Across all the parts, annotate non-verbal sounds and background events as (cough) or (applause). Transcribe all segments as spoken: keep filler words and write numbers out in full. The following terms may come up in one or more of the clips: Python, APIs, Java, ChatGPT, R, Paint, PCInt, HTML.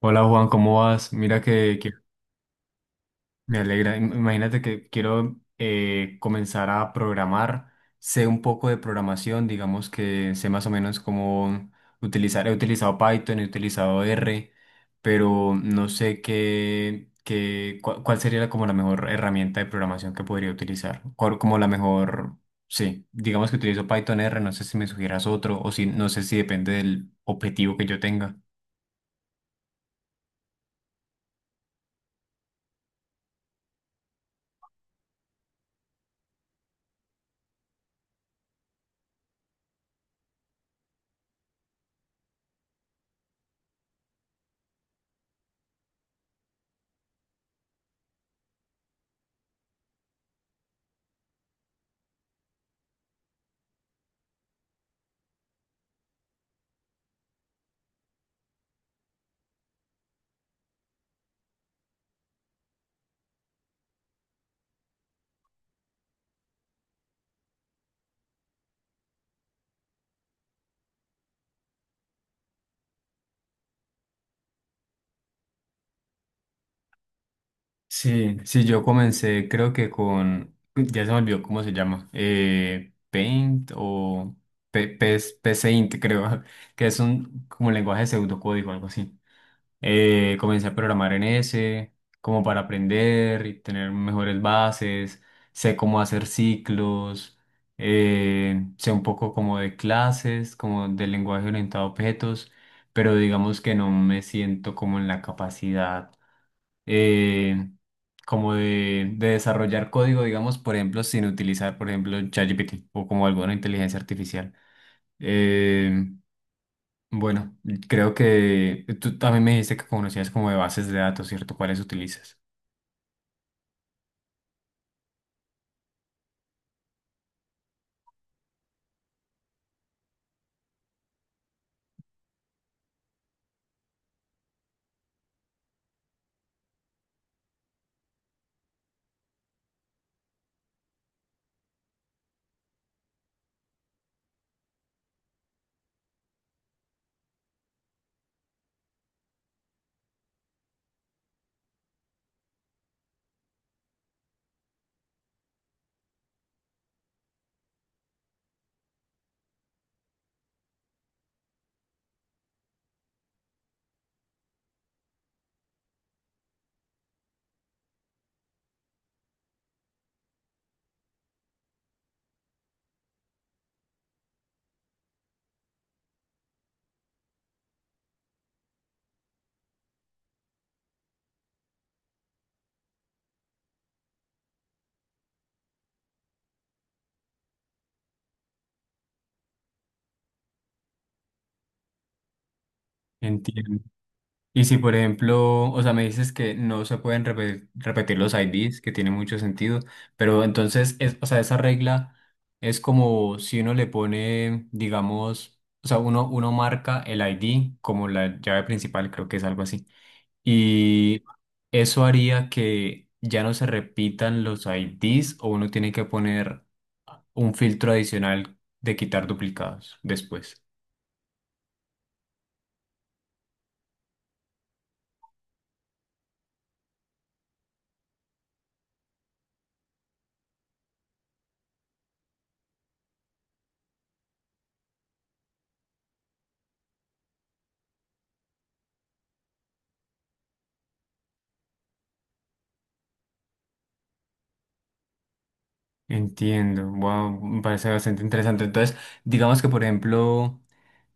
Hola Juan, ¿cómo vas? Mira que, que me alegra. Im- Imagínate que quiero eh, comenzar a programar. Sé un poco de programación, digamos que sé más o menos cómo utilizar. He utilizado Python, he utilizado R, pero no sé qué, qué, cua- cuál sería la- como la mejor herramienta de programación que podría utilizar. Cuál- Como la mejor, sí, digamos que utilizo Python R, no sé si me sugieras otro o si no sé si depende del objetivo que yo tenga. Sí, sí, yo comencé creo que con, ya se me olvidó cómo se llama, eh, Paint o P- P- PCInt creo, (laughs) que es un como lenguaje de pseudocódigo, algo así. Eh, comencé a programar en ese, como para aprender y tener mejores bases, sé cómo hacer ciclos, eh, sé un poco como de clases, como del lenguaje orientado a objetos, pero digamos que no me siento como en la capacidad eh, como de, de desarrollar código, digamos, por ejemplo, sin utilizar, por ejemplo, ChatGPT o como alguna inteligencia artificial. Eh, bueno, creo que tú también me dijiste que conocías como de bases de datos, ¿cierto? ¿Cuáles utilizas? Entiendo. Y si, por ejemplo, o sea, me dices que no se pueden repe- repetir los I Des, que tiene mucho sentido, pero entonces, es, o sea, esa regla es como si uno le pone, digamos, o sea, uno, uno marca el I D como la llave principal, creo que es algo así. Y eso haría que ya no se repitan los I Des o uno tiene que poner un filtro adicional de quitar duplicados después. Entiendo, wow, me parece bastante interesante. Entonces, digamos que, por ejemplo,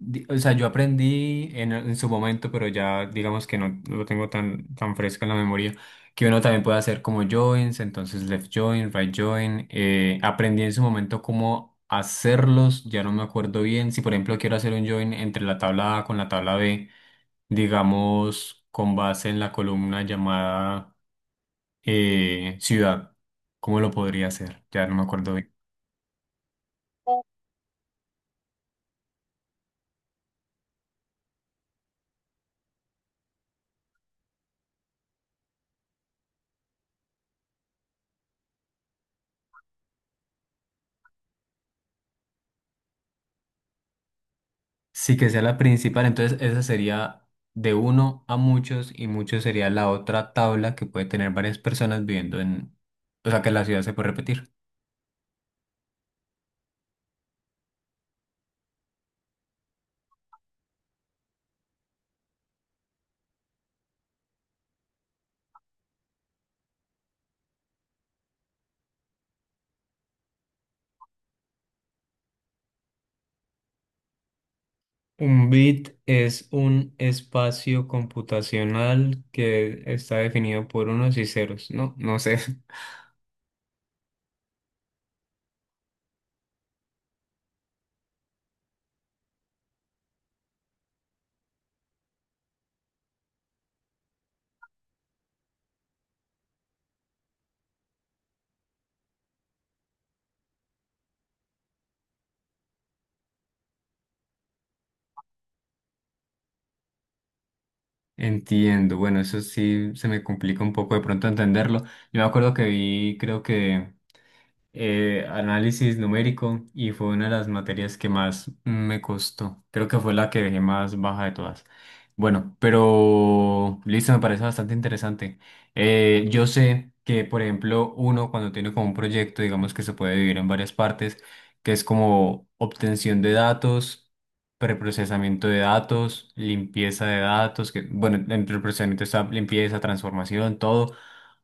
di- o sea, yo aprendí en, en su momento, pero ya digamos que no lo tengo tan, tan fresco en la memoria, que uno también puede hacer como joins, entonces left join, right join. Eh, aprendí en su momento cómo hacerlos, ya no me acuerdo bien. Si, por ejemplo, quiero hacer un join entre la tabla A con la tabla B, digamos, con base en la columna llamada eh, ciudad, ¿cómo lo podría hacer? Ya no me acuerdo bien. Sí, que sea la principal, entonces esa sería de uno a muchos y muchos sería la otra tabla que puede tener varias personas viviendo en, o sea, que la ciudad se puede repetir. Un bit es un espacio computacional que está definido por unos y ceros, ¿no? No sé. (laughs) Entiendo, bueno, eso sí se me complica un poco de pronto entenderlo. Yo me acuerdo que vi, creo que eh, análisis numérico y fue una de las materias que más me costó. Creo que fue la que dejé más baja de todas. Bueno, pero listo, me parece bastante interesante. Eh, yo sé que, por ejemplo, uno cuando tiene como un proyecto, digamos que se puede dividir en varias partes, que es como obtención de datos, preprocesamiento de datos, limpieza de datos, que, bueno, entre el procesamiento está limpieza, transformación, todo,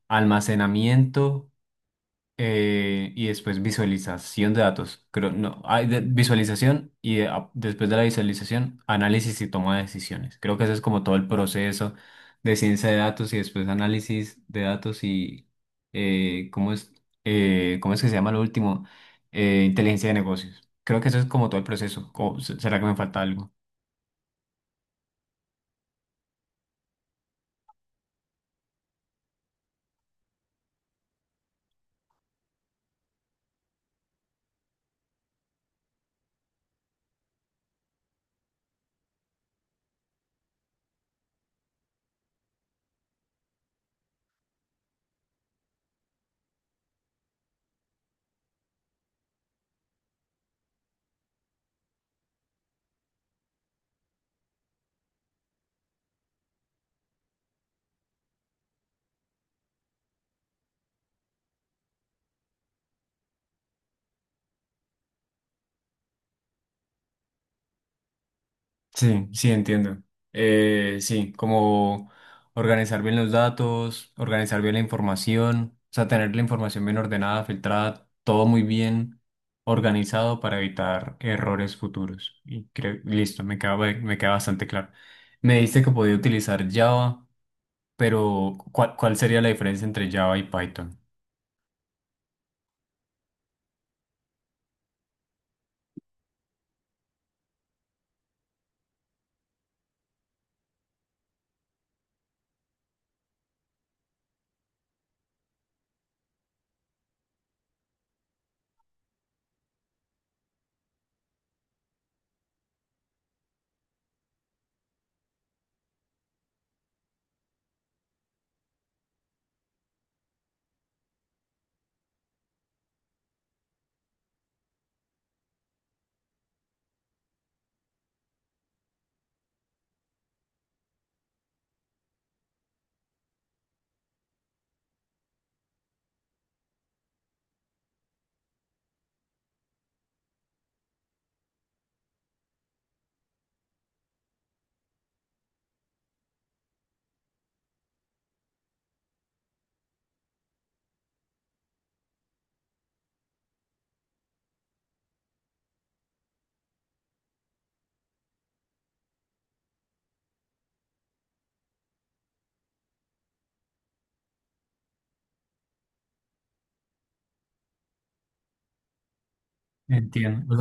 almacenamiento eh, y después visualización de datos. Creo, no, hay de- visualización y de- a- después de la visualización, análisis y toma de decisiones. Creo que eso es como todo el proceso de ciencia de datos y después análisis de datos y eh, ¿cómo es, eh, ¿cómo es que se llama lo último? Eh, inteligencia de negocios. Creo que eso es como todo el proceso. O, se- ¿será que me falta algo? Sí, sí, entiendo. Eh, sí, como organizar bien los datos, organizar bien la información, o sea, tener la información bien ordenada, filtrada, todo muy bien organizado para evitar errores futuros. Y creo, listo, me queda, ba- me queda bastante claro. Me dijiste que podía utilizar Java, pero ¿cuál, cuál sería la diferencia entre Java y Python? Entiendo.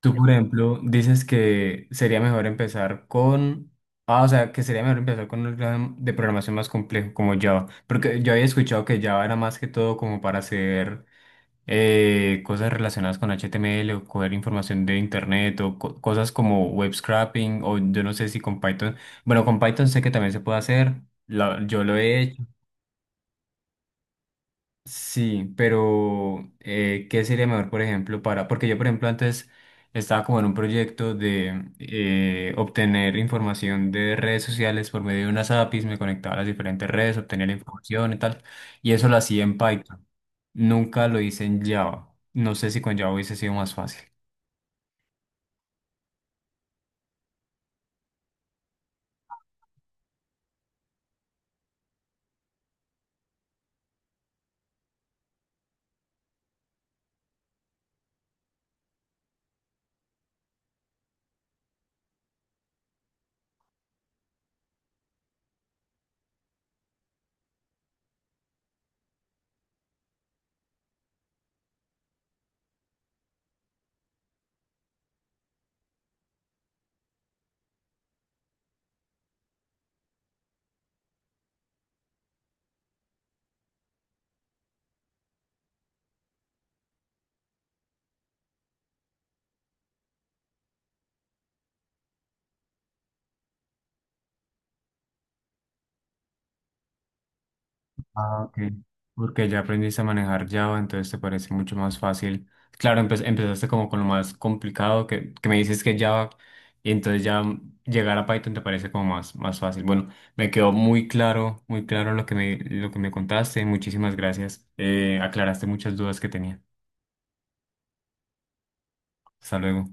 Tú, por ejemplo, dices que sería mejor empezar con... Ah, o sea, que sería mejor empezar con un lenguaje de programación más complejo como Java. Porque yo había escuchado que Java era más que todo como para hacer eh, cosas relacionadas con H T M L o coger información de internet o co- cosas como web scraping o yo no sé si con Python. Bueno, con Python sé que también se puede hacer. La- yo lo he hecho. Sí, pero eh, ¿qué sería mejor, por ejemplo, para...? Porque yo, por ejemplo, antes estaba como en un proyecto de eh, obtener información de redes sociales por medio de unas A P I s, me conectaba a las diferentes redes, obtenía la información y tal, y eso lo hacía en Python. Nunca lo hice en Java. No sé si con Java hubiese sido más fácil. Ah, ok. Porque ya aprendiste a manejar Java, entonces te parece mucho más fácil. Claro, empe- empezaste como con lo más complicado que, que me dices que Java, y entonces ya llegar a Python te parece como más, más fácil. Bueno, me quedó muy claro, muy claro lo que me, lo que me contaste. Muchísimas gracias. Eh, aclaraste muchas dudas que tenía. Hasta luego.